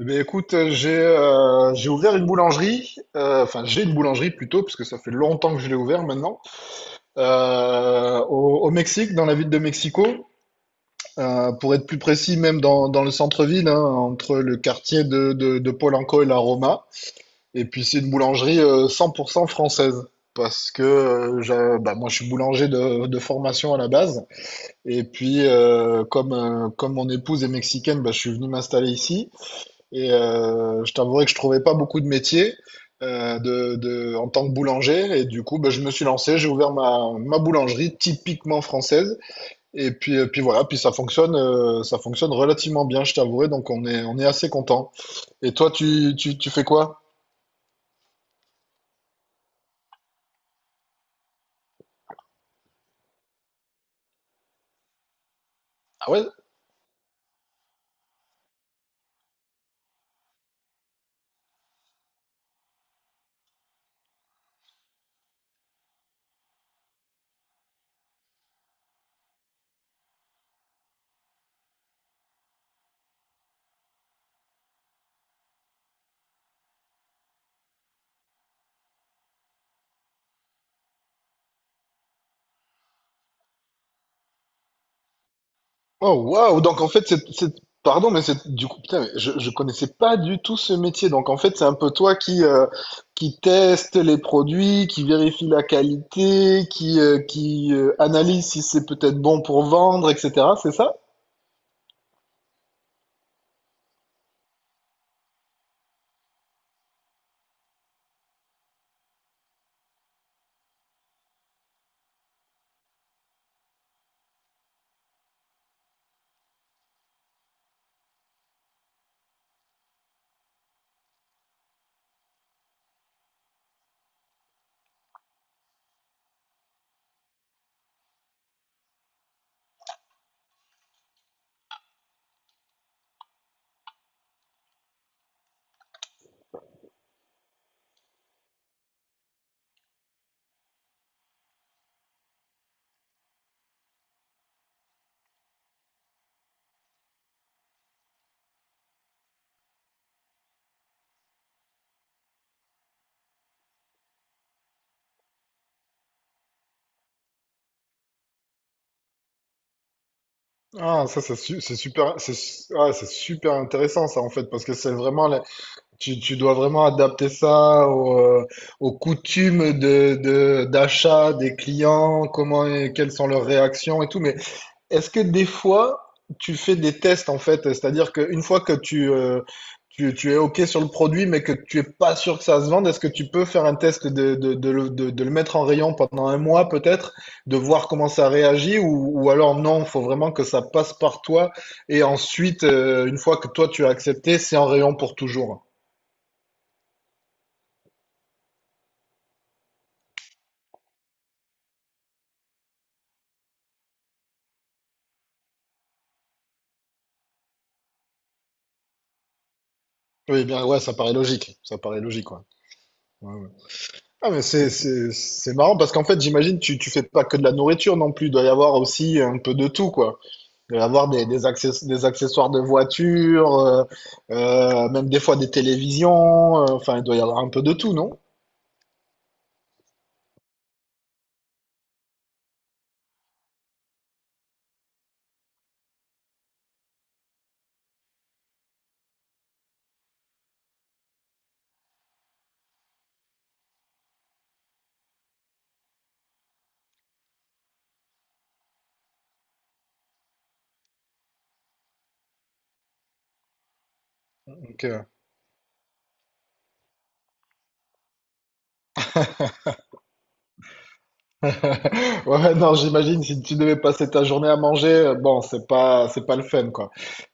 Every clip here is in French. J'ai ouvert une boulangerie, enfin j'ai une boulangerie plutôt, parce que ça fait longtemps que je l'ai ouvert maintenant, au Mexique, dans la ville de Mexico. Pour être plus précis, même dans le centre-ville, hein, entre le quartier de Polanco et la Roma. Et puis c'est une boulangerie 100% française, parce que bah, moi je suis boulanger de formation à la base, et puis comme, comme mon épouse est mexicaine, bah, je suis venu m'installer ici. Et je t'avouerai que je trouvais pas beaucoup de métiers en tant que boulanger. Et du coup, ben, je me suis lancé, j'ai ouvert ma boulangerie typiquement française. Et puis, puis voilà, puis ça fonctionne relativement bien, je t'avouerai. Donc on on est assez content. Et toi, tu fais quoi? Ah ouais? Oh waouh! Donc en fait, pardon, mais c'est du coup, putain, mais je connaissais pas du tout ce métier. Donc en fait, c'est un peu toi qui teste les produits, qui vérifie la qualité, qui analyse si c'est peut-être bon pour vendre, etc. C'est ça? Ah, ça c'est su- c'est super, c'est su- ah, c'est super intéressant ça en fait parce que c'est vraiment la tu dois vraiment adapter ça au, aux coutumes de d'achat des clients, comment quelles sont leurs réactions et tout. Mais est-ce que des fois, tu fais des tests en fait? C'est-à-dire qu'une fois que tu es OK sur le produit, mais que tu es pas sûr que ça se vende, est-ce que tu peux faire un test de le mettre en rayon pendant un mois peut-être, de voir comment ça réagit, ou alors non, il faut vraiment que ça passe par toi, et ensuite, une fois que toi tu as accepté, c'est en rayon pour toujours. Oui, bien, ouais, ça paraît logique, ouais. Ouais, ouais. Ah mais c'est marrant parce qu'en fait j'imagine tu fais pas que de la nourriture non plus, il doit y avoir aussi un peu de tout quoi. Il va y avoir des accessoires de voiture, même des fois des télévisions. Enfin, il doit y avoir un peu de tout, non? Donc, ouais, non, j'imagine si tu devais passer ta journée à manger, bon, c'est pas le fun, quoi.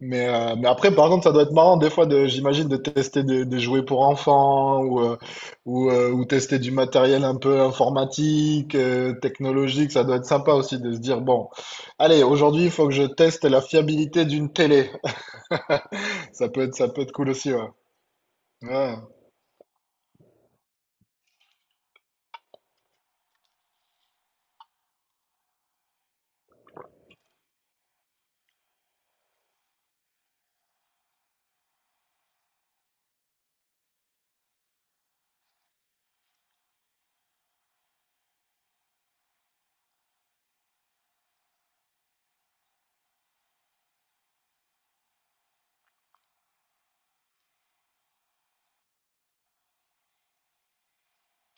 Mais après, par contre, ça doit être marrant des fois de, j'imagine, de tester des jouets pour enfants ou ou tester du matériel un peu informatique, technologique. Ça doit être sympa aussi de se dire, bon, allez, aujourd'hui, il faut que je teste la fiabilité d'une télé. Ça peut ça peut être cool aussi, ouais. Ouais.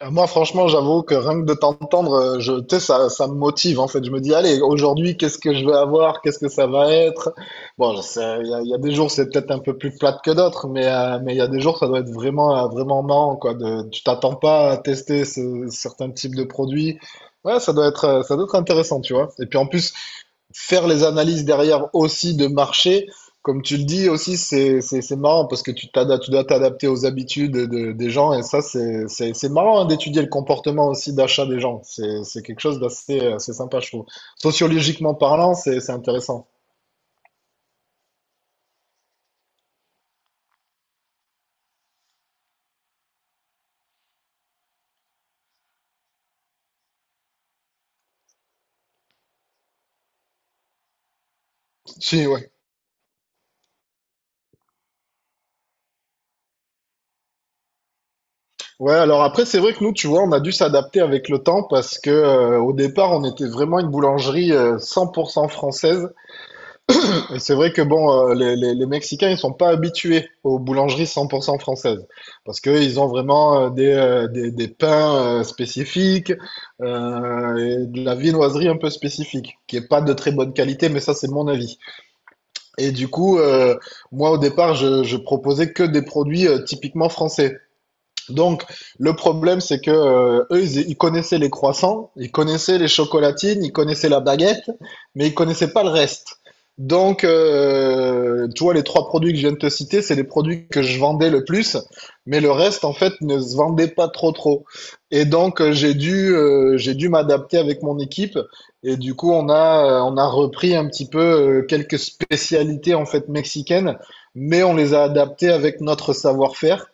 Moi, franchement, j'avoue que rien que de t'entendre, tu sais, ça me motive en fait. Je me dis, allez, aujourd'hui, qu'est-ce que je vais avoir? Qu'est-ce que ça va être? Bon, je sais, il y a des jours, c'est peut-être un peu plus plate que d'autres, mais il y a des jours, ça doit être vraiment vraiment marrant quoi. De, tu t'attends pas à tester certains types de produits. Ouais, ça doit être ça doit être intéressant, tu vois. Et puis en plus, faire les analyses derrière aussi de marché, comme tu le dis aussi, c'est marrant parce que tu dois t'adapter aux habitudes des gens et ça, c'est marrant hein, d'étudier le comportement aussi d'achat des gens. C'est quelque chose d'assez assez sympa, je trouve. Sociologiquement parlant, c'est intéressant. Si, ouais. Ouais, alors après, c'est vrai que nous, tu vois, on a dû s'adapter avec le temps parce que au départ, on était vraiment une boulangerie 100% française. Et c'est vrai que bon, les Mexicains, ils sont pas habitués aux boulangeries 100% françaises parce que ils ont vraiment des pains spécifiques et de la viennoiserie un peu spécifique qui est pas de très bonne qualité, mais ça, c'est mon avis. Et du coup, moi, au départ, je proposais que des produits typiquement français. Donc, le problème, c'est que ils connaissaient les croissants, ils connaissaient les chocolatines, ils connaissaient la baguette, mais ils connaissaient pas le reste. Donc, tu vois, les 3 produits que je viens de te citer, c'est les produits que je vendais le plus, mais le reste, en fait, ne se vendait pas trop trop. Et donc, j'ai dû m'adapter avec mon équipe. Et du coup, on a repris un petit peu quelques spécialités, en fait, mexicaines, mais on les a adaptées avec notre savoir-faire.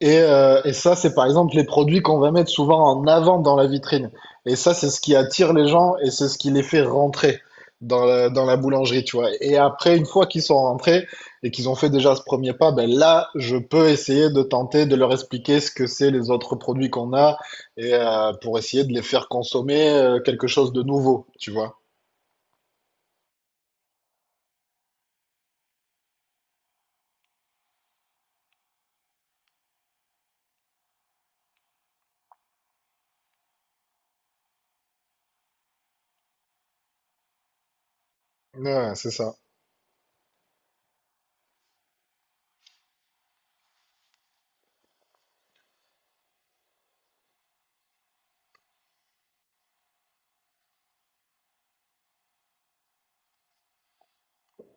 Et ça, c'est par exemple les produits qu'on va mettre souvent en avant dans la vitrine. Et ça, c'est ce qui attire les gens et c'est ce qui les fait rentrer dans la boulangerie, tu vois. Et après, une fois qu'ils sont rentrés et qu'ils ont fait déjà ce premier pas, ben là, je peux essayer de tenter de leur expliquer ce que c'est les autres produits qu'on a et pour essayer de les faire consommer quelque chose de nouveau, tu vois. Ouais, c'est ça.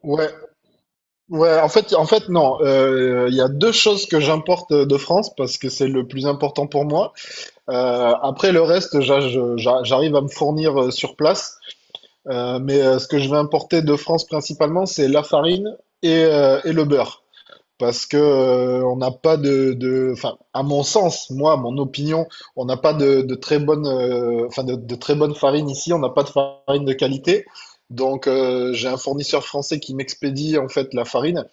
Ouais, ouais. En fait, non. Il y a 2 choses que j'importe de France parce que c'est le plus important pour moi. Après le reste, j'arrive à me fournir sur place. Ce que je vais importer de France principalement, c'est la farine et le beurre. Parce que on n'a pas enfin, à mon sens, moi, mon opinion, on n'a pas de très bonne, enfin, de très bonne farine ici. On n'a pas de farine de qualité. Donc, j'ai un fournisseur français qui m'expédie en fait la farine.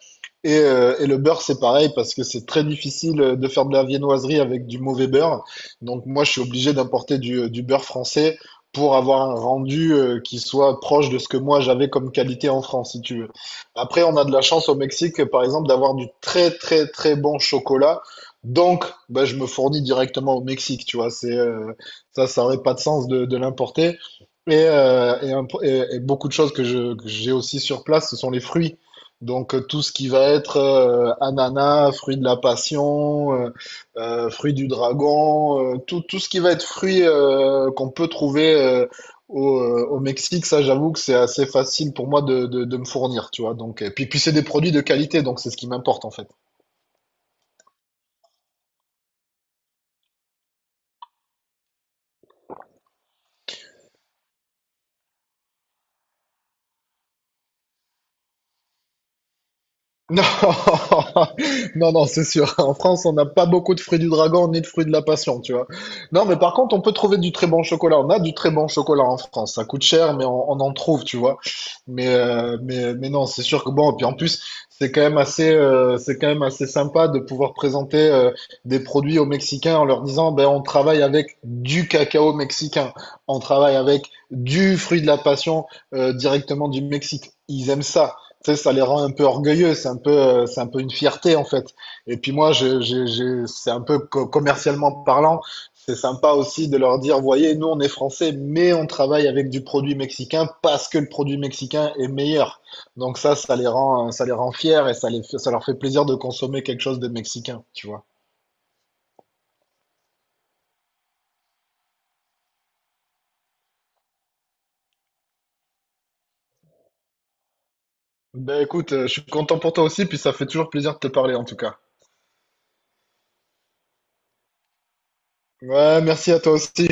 Et le beurre, c'est pareil parce que c'est très difficile de faire de la viennoiserie avec du mauvais beurre. Donc moi, je suis obligé d'importer du beurre français pour avoir un rendu qui soit proche de ce que moi j'avais comme qualité en France, si tu veux. Après, on a de la chance au Mexique, par exemple, d'avoir du très très très bon chocolat. Donc, bah, je me fournis directement au Mexique, tu vois. C'est ça aurait pas de sens de l'importer. Et, et beaucoup de choses que j'ai aussi sur place, ce sont les fruits. Donc tout ce qui va être ananas, fruit de la passion, fruit du dragon, tout ce qui va être fruit qu'on peut trouver au Mexique, ça j'avoue que c'est assez facile pour moi de me fournir, tu vois. Donc, puis c'est des produits de qualité, donc c'est ce qui m'importe en fait. Non, non, non, c'est sûr. En France, on n'a pas beaucoup de fruits du dragon ni de fruits de la passion, tu vois. Non, mais par contre, on peut trouver du très bon chocolat. On a du très bon chocolat en France. Ça coûte cher, mais on en trouve, tu vois. Mais non, c'est sûr que bon. Et puis en plus, c'est quand même assez sympa de pouvoir présenter des produits aux Mexicains en leur disant, ben, on travaille avec du cacao mexicain. On travaille avec du fruit de la passion directement du Mexique. Ils aiment ça, tu sais, ça les rend un peu orgueilleux, c'est un peu une fierté en fait. Et puis moi, c'est un peu commercialement parlant, c'est sympa aussi de leur dire, voyez, nous on est français, mais on travaille avec du produit mexicain parce que le produit mexicain est meilleur. Donc ça, ça les rend fiers et ça leur fait plaisir de consommer quelque chose de mexicain, tu vois. Ben écoute, je suis content pour toi aussi, puis ça fait toujours plaisir de te parler en tout cas. Ouais, merci à toi aussi.